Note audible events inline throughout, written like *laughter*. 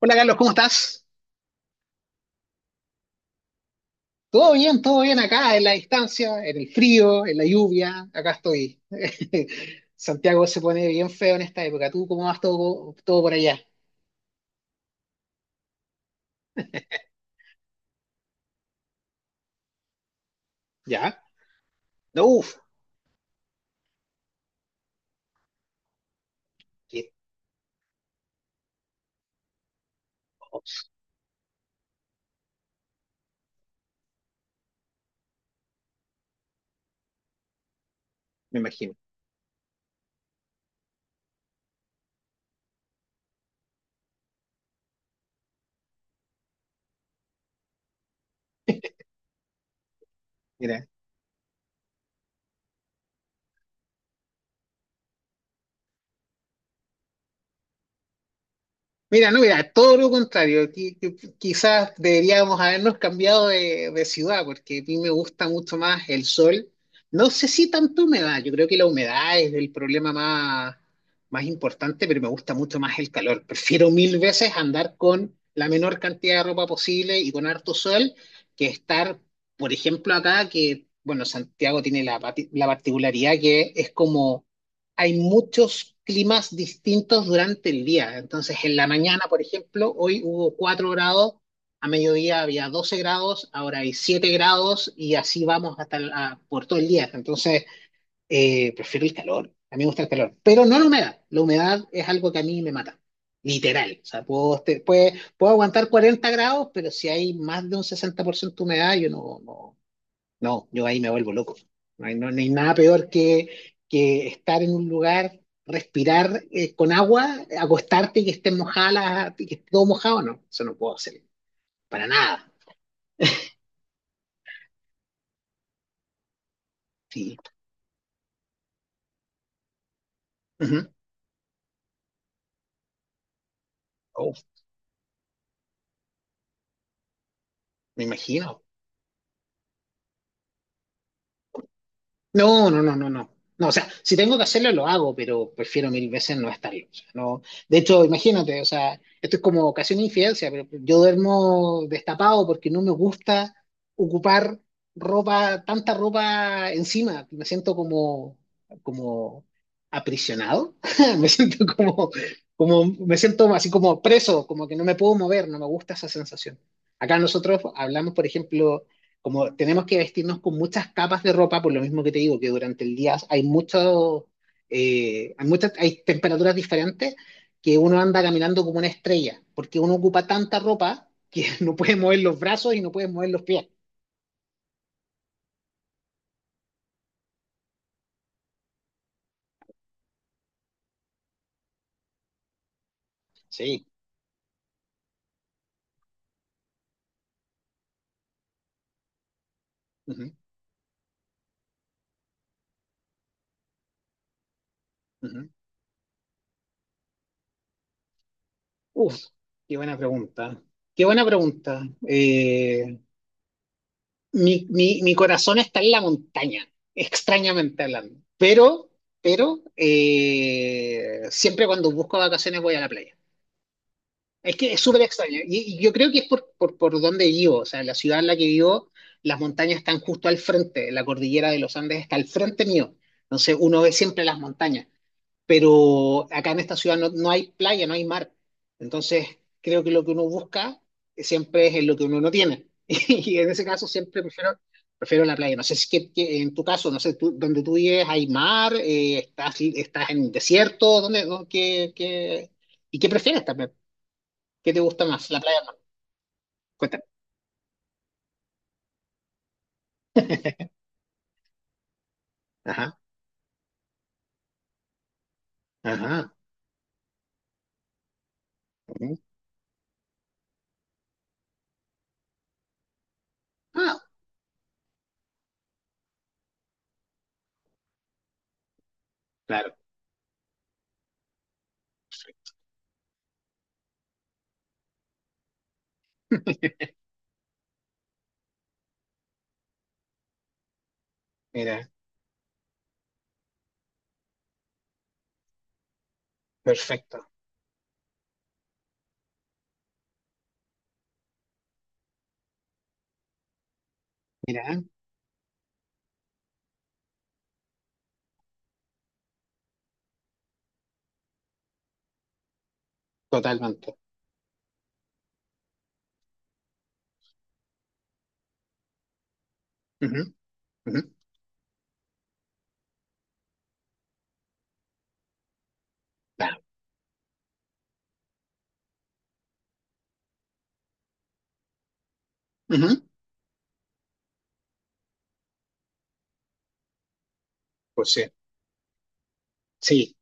Hola Carlos, ¿cómo estás? Todo bien acá, en la distancia, en el frío, en la lluvia, acá estoy. *laughs* Santiago se pone bien feo en esta época. ¿Tú cómo vas todo, todo por allá? ¿Ya? No, uf, qué- ups, me imagino. Mira, no, mira, todo lo contrario. Quizás deberíamos habernos cambiado de ciudad, porque a mí me gusta mucho más el sol. No sé si tanto humedad, yo creo que la humedad es el problema más importante, pero me gusta mucho más el calor. Prefiero mil veces andar con la menor cantidad de ropa posible y con harto sol que estar, por ejemplo, acá, que, bueno, Santiago tiene la particularidad que es como hay muchos climas distintos durante el día. Entonces, en la mañana, por ejemplo, hoy hubo 4 grados, a mediodía había 12 grados, ahora hay 7 grados y así vamos hasta por todo el día. Entonces, prefiero el calor, a mí me gusta el calor, pero no la humedad. La humedad es algo que a mí me mata. Literal, o sea, puedo aguantar 40 grados, pero si hay más de un 60% de humedad, yo no, no, no, yo ahí me vuelvo loco. No hay nada peor que estar en un lugar, respirar con agua, acostarte y que esté mojada, y que esté todo mojado, no. Eso no puedo hacer. Para nada. Sí. Ujú. Oh, me imagino. No, no, no, no, no. No, o sea, si tengo que hacerlo, lo hago, pero prefiero mil veces no estarlo. O sea, no. De hecho, imagínate, o sea, esto es como casi una infidencia, pero yo duermo destapado porque no me gusta ocupar ropa, tanta ropa encima. Me siento como aprisionado. *laughs* Me siento como, me siento así como preso, como que no me puedo mover, no me gusta esa sensación. Acá nosotros hablamos, por ejemplo, como tenemos que vestirnos con muchas capas de ropa, por lo mismo que te digo, que durante el día hay mucho, hay muchas, hay temperaturas diferentes, que uno anda caminando como una estrella, porque uno ocupa tanta ropa que *laughs* no puede mover los brazos y no puede mover los pies. Sí. Ujú, ujú. Uf, qué buena pregunta. Qué buena pregunta. Mi corazón está en la montaña, extrañamente hablando. Pero siempre cuando busco vacaciones voy a la playa. Es que es súper extraño. Y yo creo que es por donde vivo, o sea, la ciudad en la que vivo, las montañas están justo al frente, la cordillera de los Andes está al frente mío. Entonces uno ve siempre las montañas, pero acá en esta ciudad no hay playa, no hay mar. Entonces creo que lo que uno busca siempre es en lo que uno no tiene. *laughs* Y en ese caso siempre prefiero la playa. No sé si que en tu caso, no sé, donde tú vives hay mar, estás en desierto, ¿y qué prefieres también? ¿Qué te gusta más? ¿La playa o no? Cuéntame. Ajá, ajá. Ujú. Ah, claro. *laughs* Mira, perfecto. Mira, totalmente. Ujú, ujú, claro. Ujú, pues sí. Sí.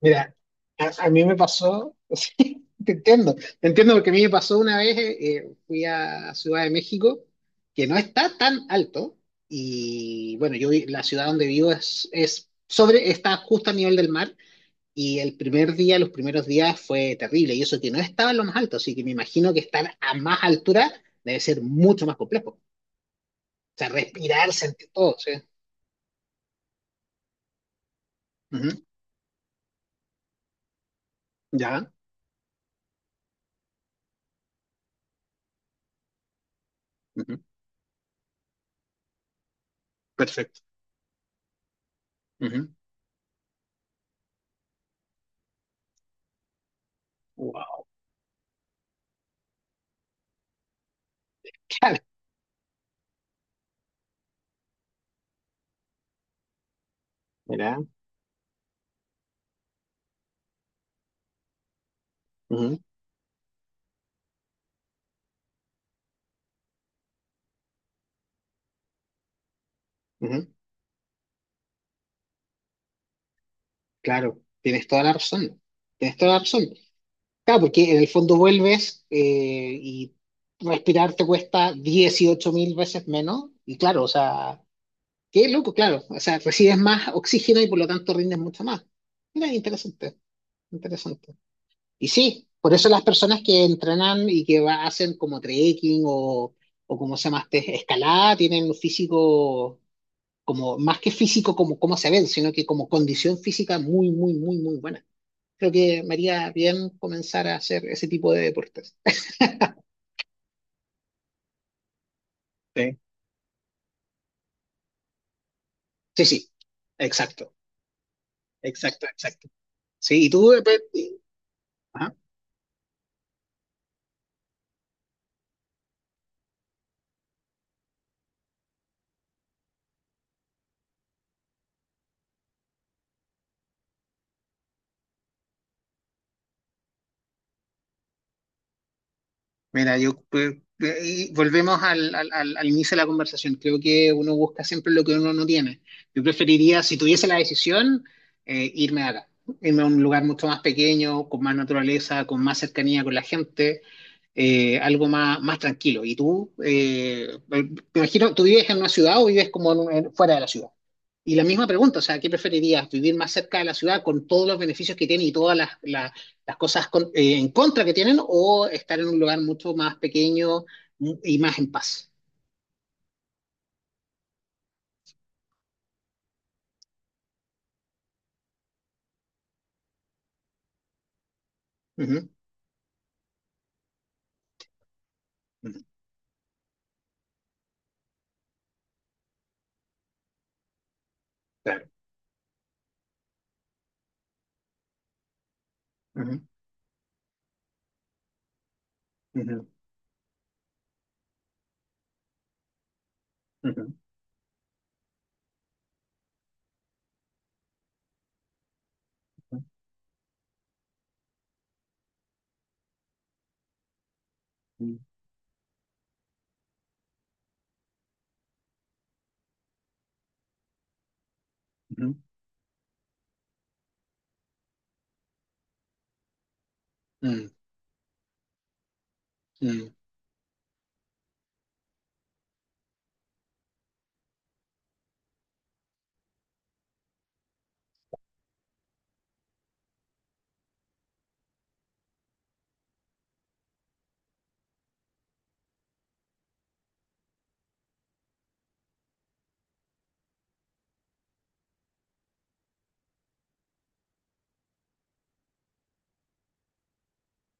Mira, a mí me pasó, *laughs* sí, te entiendo porque a mí me pasó una vez, fui a Ciudad de México, que no está tan alto, y bueno, la ciudad donde vivo está justo a nivel del mar. Y el primer día, los primeros días fue terrible, y eso que no estaba en lo más alto, así que me imagino que estar a más altura debe ser mucho más complejo. O sea, respirar, sentir todo, sí. Ujú, ya, ujú, perfecto. Ujú. Wow, claro, mira, ujú, ujú, claro, tienes toda la razón, tienes toda la razón. Claro, porque en el fondo vuelves y respirar te cuesta 18.000 veces menos, y claro, o sea, qué loco, claro. O sea, recibes más oxígeno y por lo tanto rindes mucho más. Mira, interesante, interesante. Y sí, por eso las personas que entrenan y que hacen como trekking o como se llama, este, escalada, tienen un físico como, más que físico como cómo se ven, sino que como condición física muy, muy, muy, muy buena. Creo que me haría bien comenzar a hacer ese tipo de deportes. Sí. Sí, sí, exacto, exacto, exacto. Sí, y tú, pues, ajá. Mira, yo y volvemos al inicio de la conversación. Creo que uno busca siempre lo que uno no tiene. Yo preferiría, si tuviese la decisión, irme de acá, irme a un lugar mucho más pequeño, con más naturaleza, con más cercanía con la gente, algo más tranquilo. ¿Y tú? Me imagino, ¿tú vives en una ciudad o vives como en fuera de la ciudad? Y la misma pregunta, o sea, ¿qué preferirías? ¿Vivir más cerca de la ciudad con todos los beneficios que tiene y todas las las cosas en contra que tienen o estar en un lugar mucho más pequeño y más en paz. Ujú, ujú, claro. Ujú, ujú, ujú, ujú, ujú, mm, mm,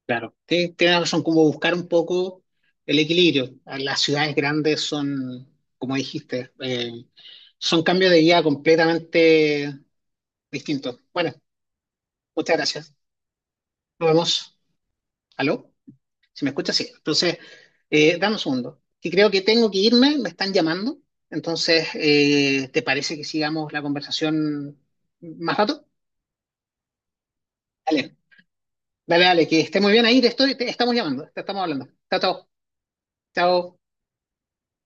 claro. Tienes razón, como buscar un poco el equilibrio. Las ciudades grandes son, como dijiste, son cambios de vida completamente distintos. Bueno, muchas gracias. Nos vemos. ¿Aló? Si me escuchas, sí. Entonces, dame un segundo. Que creo que tengo que irme, me están llamando. Entonces, ¿te parece que sigamos la conversación más rato? Dale, dale, dale, que esté muy bien ahí, te estoy, te estamos llamando, te estamos hablando. Chao, chao. Chao.